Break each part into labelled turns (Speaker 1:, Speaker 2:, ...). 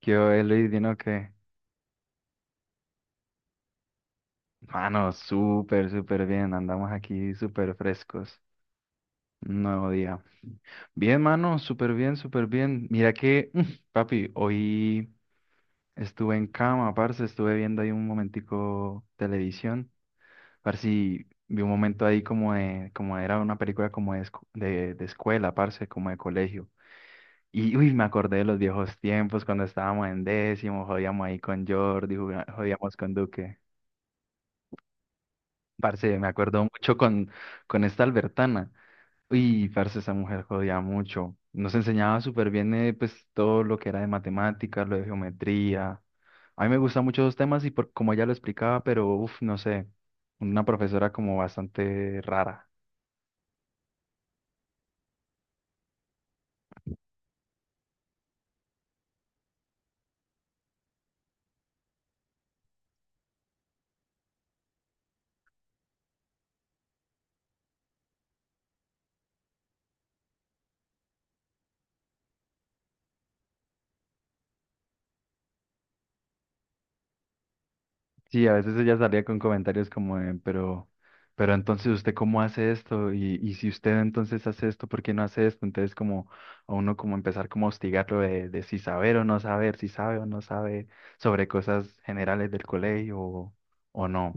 Speaker 1: ¿Qué hoy, Luis? ¿Vino que? Mano, súper, súper bien. Andamos aquí súper frescos. Un nuevo día. Bien, mano, súper bien, súper bien. Mira que, papi, hoy estuve en cama, parce. Estuve viendo ahí un momentico televisión. Parce, y vi un momento ahí como era una película como de, de escuela, parce, como de colegio. Y uy, me acordé de los viejos tiempos cuando estábamos en décimo, jodíamos ahí con Jordi, jodíamos con Duque. Parce, me acuerdo mucho con esta Albertana. Uy, parce, esa mujer jodía mucho. Nos enseñaba súper bien pues, todo lo que era de matemáticas, lo de geometría. A mí me gustan mucho esos temas y por, como ella lo explicaba, pero uff, no sé, una profesora como bastante rara. Sí, a veces ella salía con comentarios como, de, pero entonces usted cómo hace esto y si usted entonces hace esto, ¿por qué no hace esto? Entonces como a uno como empezar como a hostigarlo de si saber o no saber, si sabe o no sabe sobre cosas generales del colegio o no.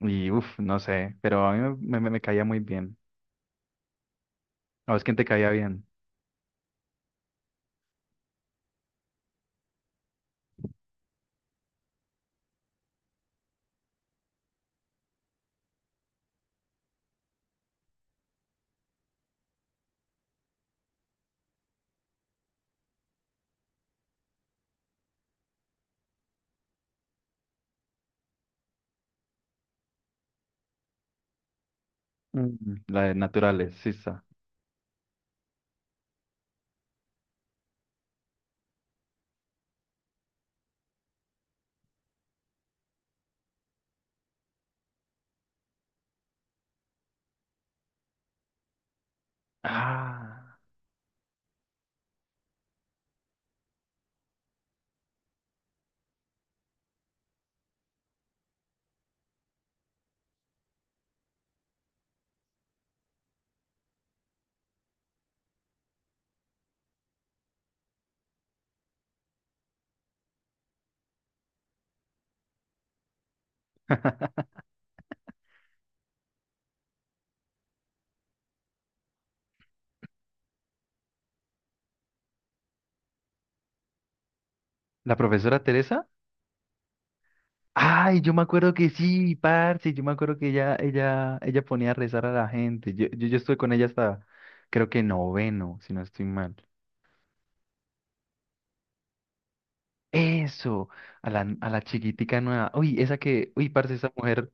Speaker 1: Y uff, no sé, pero a mí me caía muy bien. ¿A vos quién te caía bien? Mm. La de naturales, Sisa. Ah, ¿la profesora Teresa? Ay, yo me acuerdo que sí, parce, yo me acuerdo que ella ponía a rezar a la gente. Yo estuve con ella hasta, creo que noveno, si no estoy mal. Eso, a la chiquitica nueva. Uy, esa que, uy, parce, esa mujer.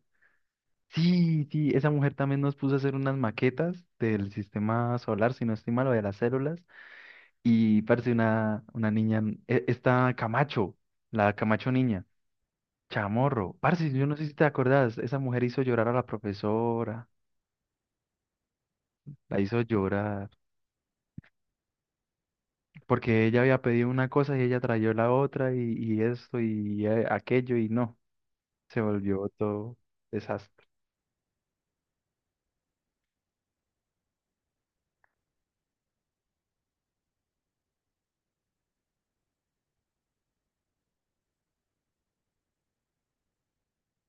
Speaker 1: Sí, sí, esa mujer también nos puso a hacer unas maquetas del sistema solar, si no estoy mal, o de las células. Y parce, una niña, esta Camacho, la Camacho niña, chamorro. Parce, yo no sé si te acordás, esa mujer hizo llorar a la profesora. La hizo llorar, porque ella había pedido una cosa y ella trayó la otra y esto y aquello y no, se volvió todo desastre.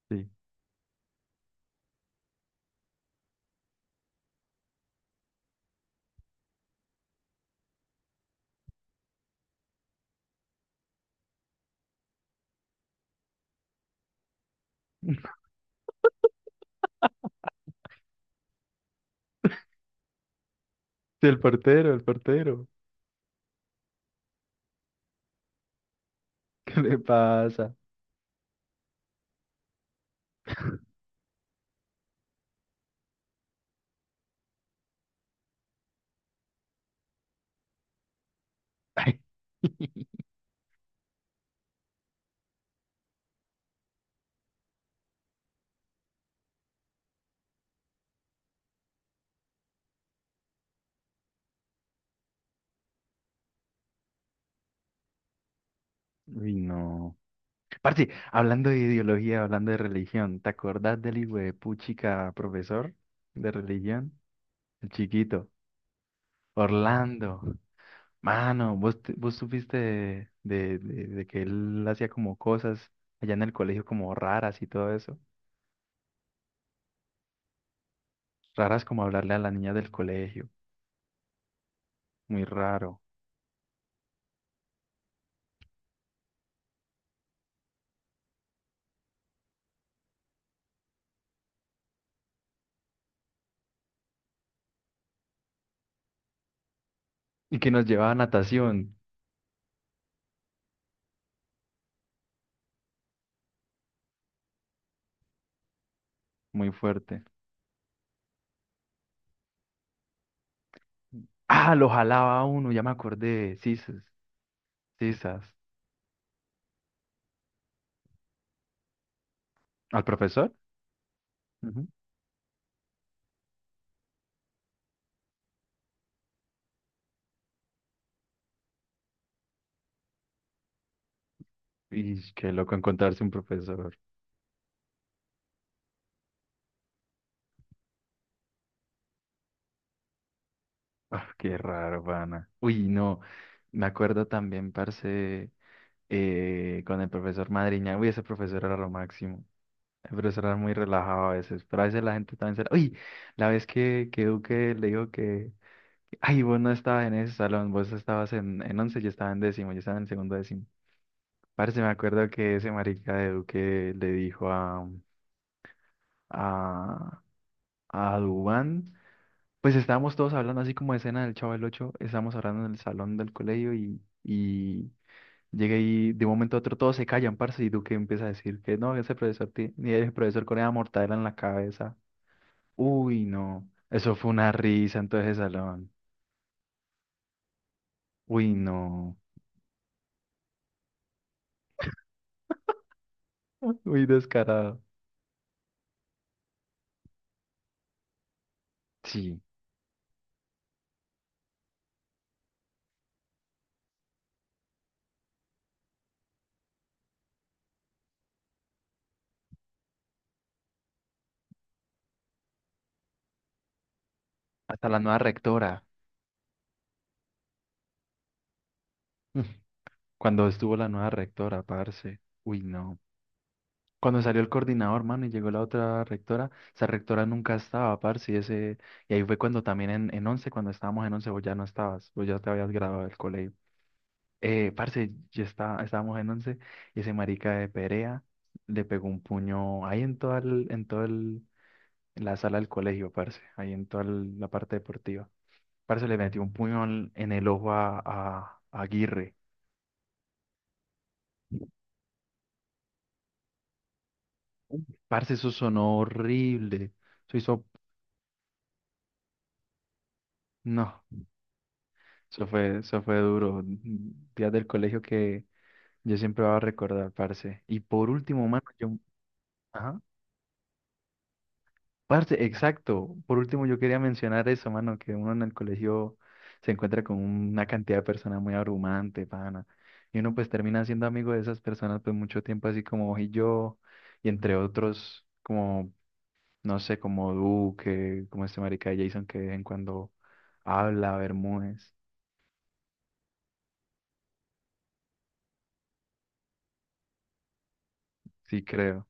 Speaker 1: Sí. El portero, ¿qué le pasa? Ay, uy, no. Parce, hablando de ideología, hablando de religión, ¿te acordás del hijo de puchica profesor de religión? El chiquito, Orlando. Mano, vos supiste que él hacía como cosas allá en el colegio como raras y todo eso. Raras como hablarle a la niña del colegio, muy raro. Y que nos llevaba a natación, muy fuerte. Ah, lo jalaba a uno, ya me acordé, sisas, sisas. ¿Al profesor? Ujú. Y qué loco encontrarse un profesor. Ah, qué raro, pana. Uy, no, me acuerdo también, parce, con el profesor Madriña. Uy, ese profesor era lo máximo. Pero será muy relajado a veces. Pero a veces la gente también será. Uy, la vez que Duque le dijo que. Ay, vos no estabas en ese salón, vos estabas en once, yo estaba en décimo, yo estaba en segundo décimo. Parece, me acuerdo que ese marica de Duque le dijo a, a Dubán. Pues estábamos todos hablando así como de escena del Chavo del Ocho, estábamos hablando en el salón del colegio y llegué y de un momento a otro todos se callan, parce, y Duque empieza a decir que no, ese profesor ni ese profesor Corea mortadela en la cabeza. Uy, no. Eso fue una risa en todo ese salón. Uy, no. Uy, descarado. Sí, hasta la nueva rectora. Cuando estuvo la nueva rectora, parce. Uy, no. Cuando salió el coordinador, mano, y llegó la otra rectora, esa rectora nunca estaba, parce. Y ese, y ahí fue cuando también en, 11, cuando estábamos en 11, vos ya no estabas, vos ya te habías graduado del colegio. Parce, ya está, estábamos en 11. Y ese marica de Perea le pegó un puño ahí en todo el, en la sala del colegio, parce, ahí en toda la parte deportiva. Parce le metió un puñal en el ojo a Aguirre. Parce, eso sonó horrible. Eso hizo, no, eso fue duro. Días del colegio que yo siempre voy a recordar, parce. Y por último, mano, yo, ajá. Parce, exacto. Por último, yo quería mencionar eso, mano, que uno en el colegio se encuentra con una cantidad de personas muy abrumante, pana. Y uno pues termina siendo amigo de esas personas pues mucho tiempo, así como vos y yo, y entre otros, como, no sé, como Duque, como este marica de Jason que de vez en cuando habla, Bermúdez. Sí creo,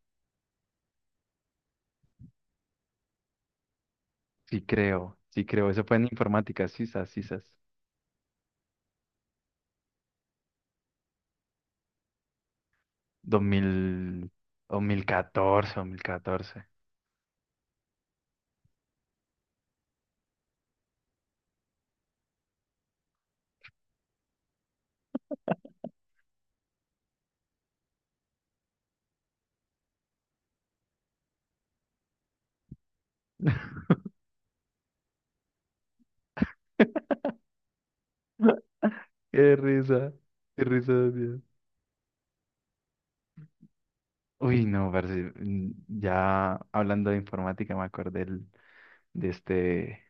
Speaker 1: sí creo, sí creo. Eso fue en informática, sisas, sisas. 2000, 2014, 2014. Qué risa, qué risa, Dios. Uy, no, parce, ya hablando de informática me acordé de este,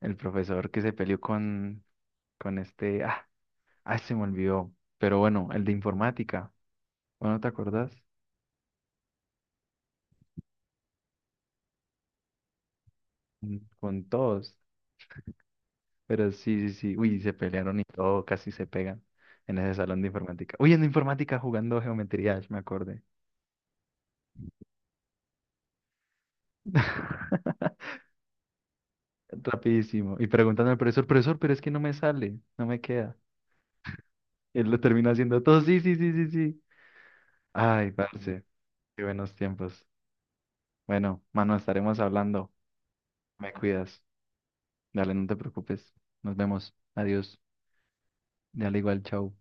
Speaker 1: el profesor que se peleó con, este, ah, ay, se me olvidó, pero bueno, el de informática, bueno, ¿te acordás? Mm, con todos, pero sí, sí, sí, uy, se pelearon y todo, casi se pegan en ese salón de informática. Uy, en informática jugando geometría, Dash, me acordé. Rapidísimo. Y preguntando al profesor, profesor, pero es que no me sale, no me queda. Y él lo termina haciendo todo. Sí, sí, sí, sí, sí. Ay, parce, qué buenos tiempos. Bueno, mano, estaremos hablando. Me cuidas. Dale, no te preocupes. Nos vemos. Adiós. Dale igual, chao.